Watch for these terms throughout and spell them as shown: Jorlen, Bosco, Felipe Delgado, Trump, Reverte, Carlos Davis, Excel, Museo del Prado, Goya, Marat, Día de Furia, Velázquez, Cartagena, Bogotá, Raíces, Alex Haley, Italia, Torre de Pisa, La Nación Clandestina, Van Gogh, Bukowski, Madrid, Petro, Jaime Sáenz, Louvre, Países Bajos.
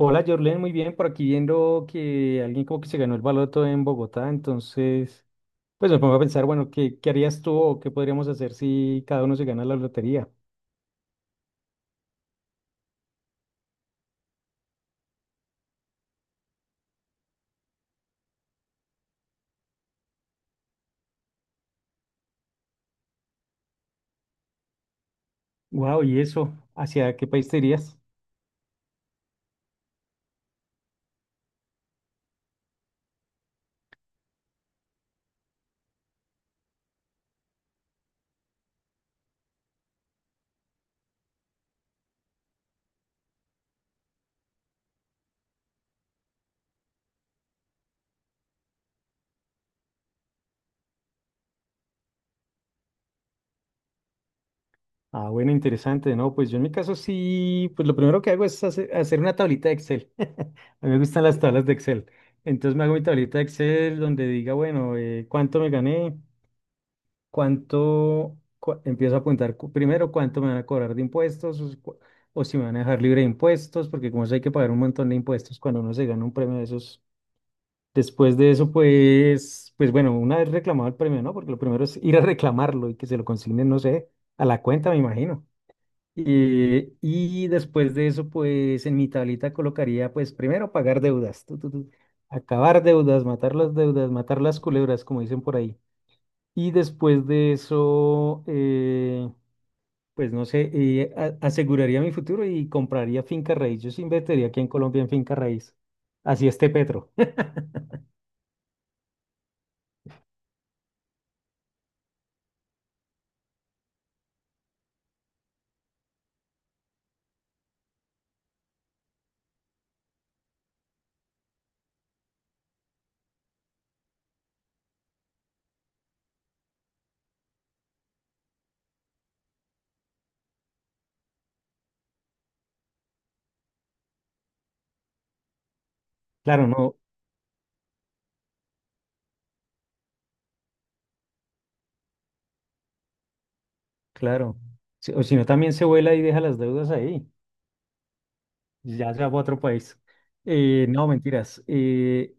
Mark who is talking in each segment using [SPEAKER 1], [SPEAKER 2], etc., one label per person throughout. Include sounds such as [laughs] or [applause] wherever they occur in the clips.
[SPEAKER 1] Hola, Jorlen, muy bien. Por aquí viendo que alguien como que se ganó el baloto en Bogotá, entonces, pues me pongo a pensar, bueno, ¿Qué harías tú o qué podríamos hacer si cada uno se gana la lotería? Wow, ¿y eso? ¿Hacia qué país te irías? Ah, bueno, interesante, ¿no? Pues yo en mi caso sí, pues lo primero que hago es hacer una tablita de Excel. [laughs] A mí me gustan las tablas de Excel. Entonces me hago mi tablita de Excel donde diga, bueno, ¿cuánto me gané? ¿ Empiezo a apuntar primero ¿cuánto me van a cobrar de impuestos, o si me van a dejar libre de impuestos? Porque como eso hay que pagar un montón de impuestos cuando uno se gana un premio de esos. Después de eso, pues, bueno, una vez reclamado el premio, ¿no? Porque lo primero es ir a reclamarlo y que se lo consignen, no sé, a la cuenta, me imagino. Y después de eso, pues en mi tablita colocaría pues primero pagar deudas, acabar deudas, matar las culebras, como dicen por ahí. Y después de eso, pues no sé, aseguraría mi futuro y compraría finca raíz. Yo sí invertiría aquí en Colombia en finca raíz. Así esté Petro. [laughs] Claro, no, claro. O si no, también se vuela y deja las deudas ahí. Ya se va a otro país. No, mentiras.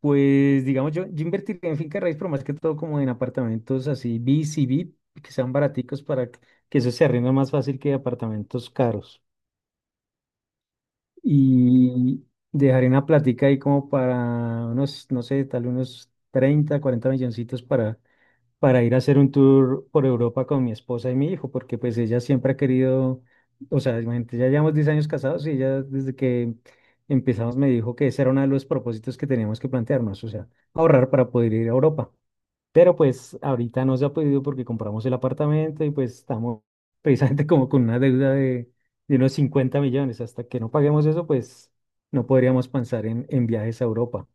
[SPEAKER 1] Pues digamos, yo invertiría en finca raíz, pero más que todo como en apartamentos así, B C, B que sean baraticos para que eso se arrienda más fácil que apartamentos caros. Y dejaré una plática ahí como para unos, no sé, tal unos 30 40 milloncitos para ir a hacer un tour por Europa con mi esposa y mi hijo, porque pues ella siempre ha querido, o sea, imagínate, ya llevamos 10 años casados y ella desde que empezamos me dijo que ese era uno de los propósitos que teníamos que plantearnos, o sea, ahorrar para poder ir a Europa. Pero pues ahorita no se ha podido porque compramos el apartamento y pues estamos [laughs] precisamente como con una deuda de unos 50 millones. Hasta que no paguemos eso, pues no podríamos pensar en viajes a Europa.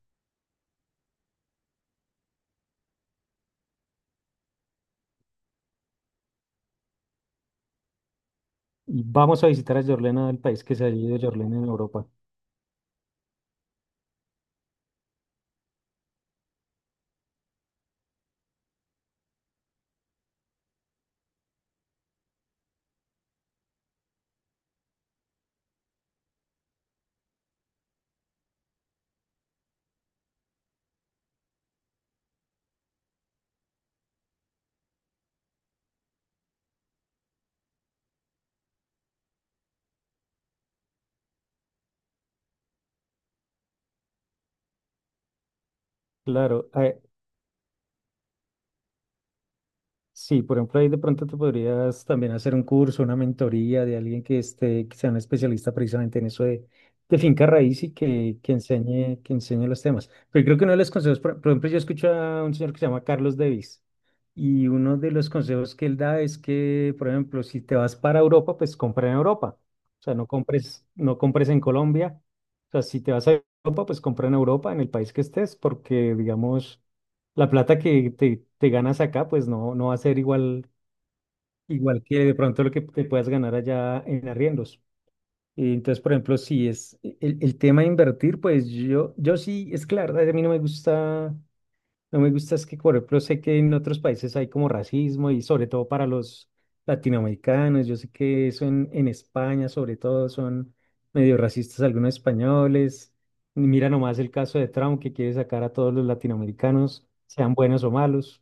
[SPEAKER 1] Y vamos a visitar a Jorlena, el país que se ha ido Jorlena en Europa. Claro, sí, por ejemplo, ahí de pronto te podrías también hacer un curso, una mentoría de alguien que esté, que sea un especialista precisamente en eso de finca raíz y que enseñe los temas. Pero creo que uno de los consejos, por ejemplo, yo escucho a un señor que se llama Carlos Davis y uno de los consejos que él da es que, por ejemplo, si te vas para Europa, pues compra en Europa. O sea, no compres, no compres en Colombia. O sea, si te vas a Europa, pues compra en Europa, en el país que estés, porque, digamos... la plata que te ganas acá, pues no, no va a ser igual, igual que de pronto lo que te puedas ganar allá en arriendos. Y entonces, por ejemplo, si es el tema de invertir, pues yo sí, es claro, a mí no me gusta, no me gusta es que, por ejemplo, sé que en otros países hay como racismo y sobre todo para los latinoamericanos, yo sé que eso en España sobre todo son medio racistas algunos españoles. Mira nomás el caso de Trump que quiere sacar a todos los latinoamericanos, sean buenos o malos.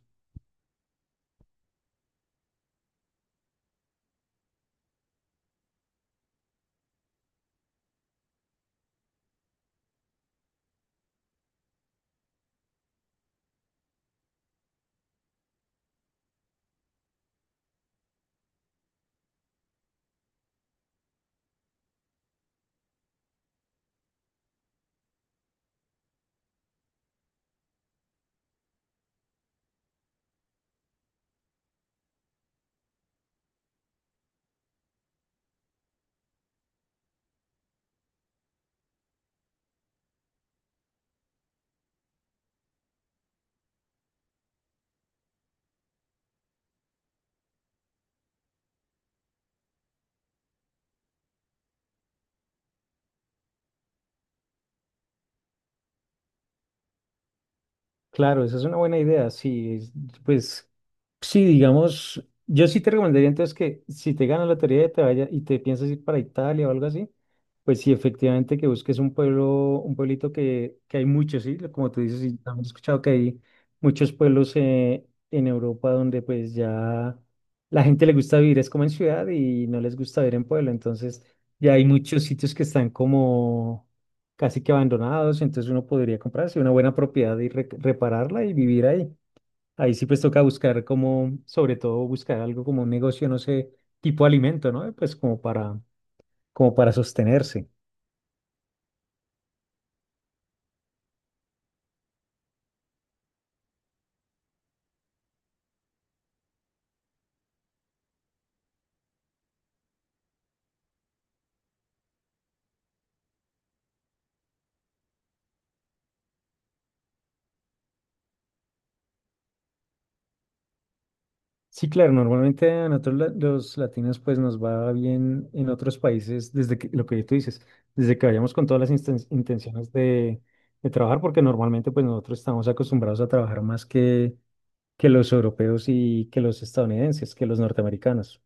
[SPEAKER 1] Claro, esa es una buena idea, sí, pues sí, digamos, yo sí te recomendaría entonces que si te ganas la lotería y te vaya y te piensas ir para Italia o algo así, pues sí, efectivamente que busques un pueblo, un pueblito que hay muchos, sí, como tú dices, y también he escuchado que hay muchos pueblos en Europa donde pues ya la gente le gusta vivir es como en ciudad y no les gusta vivir en pueblo, entonces ya hay muchos sitios que están como casi que abandonados, entonces uno podría comprarse una buena propiedad y repararla y vivir ahí. Ahí sí pues toca buscar como, sobre todo buscar algo como un negocio, no sé, tipo alimento, ¿no? Pues como para, como para sostenerse. Sí, claro, normalmente a nosotros los latinos pues nos va bien en otros países desde que, lo que tú dices, desde que vayamos con todas las intenciones de trabajar, porque normalmente pues nosotros estamos acostumbrados a trabajar más que los europeos y que los estadounidenses, que los norteamericanos.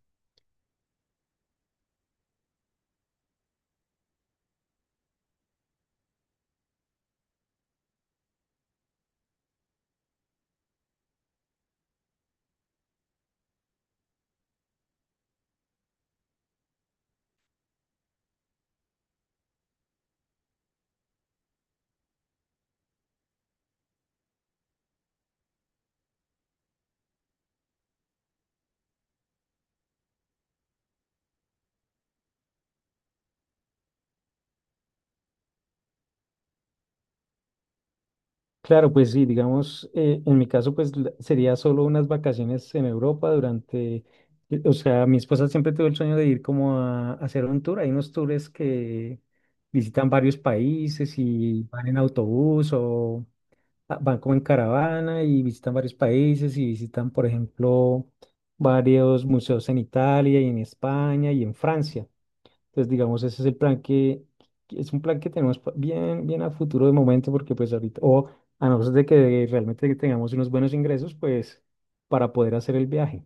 [SPEAKER 1] Claro, pues sí, digamos, en mi caso, pues sería solo unas vacaciones en Europa durante, o sea, mi esposa siempre tuvo el sueño de ir como a hacer un tour. Hay unos tours que visitan varios países y van en autobús o ah, van como en caravana y visitan varios países y visitan, por ejemplo, varios museos en Italia y en España y en Francia. Entonces, digamos, ese es el plan que es un plan que tenemos bien, bien a futuro de momento, porque pues ahorita, o a no ser de que realmente tengamos unos buenos ingresos, pues para poder hacer el viaje.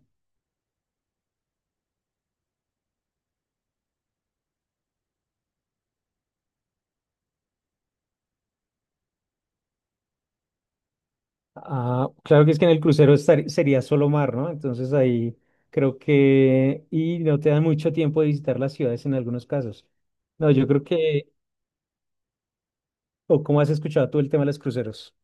[SPEAKER 1] Ah, claro que es que en el crucero sería solo mar, ¿no? Entonces ahí creo que, y no te dan mucho tiempo de visitar las ciudades en algunos casos. No, yo creo que, o cómo has escuchado tú el tema de los cruceros.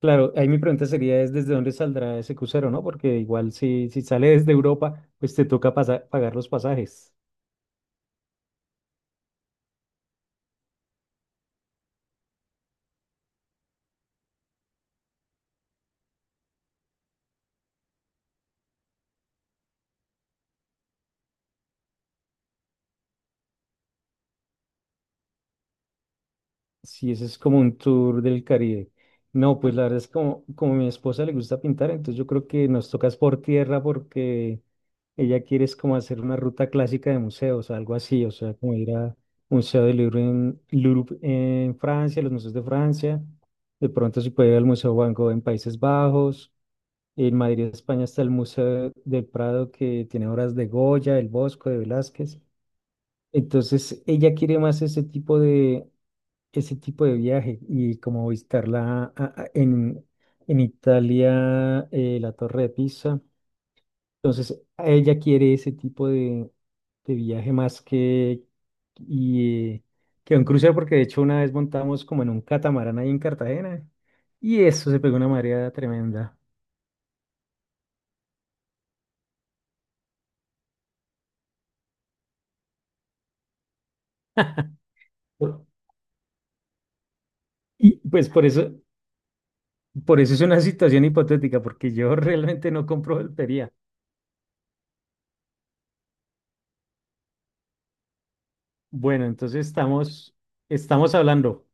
[SPEAKER 1] Claro, ahí mi pregunta sería es desde dónde saldrá ese crucero, ¿no? Porque igual si, si sale desde Europa, pues te toca pagar los pasajes. Si ese es como un tour del Caribe. No, pues la verdad es como, como a mi esposa le gusta pintar, entonces yo creo que nos tocas por tierra porque ella quiere es como hacer una ruta clásica de museos, algo así, o sea, como ir a Museo del Louvre en, Louvre en Francia, los museos de Francia, de pronto si puede ir al Museo Van Gogh en Países Bajos. En Madrid, España, está el Museo del Prado que tiene obras de Goya, del Bosco, de Velázquez. Entonces, ella quiere más ese tipo de viaje y como en Italia, la Torre de Pisa. Entonces, ella quiere ese tipo de viaje más que, y, eh, que un crucero, porque de hecho una vez montamos como en un catamarán ahí en Cartagena y eso se pegó una marea tremenda. Por- Y pues por eso. Por eso es una situación hipotética, porque yo [laughs] realmente no compro peluquería. Bueno, entonces estamos, estamos hablando.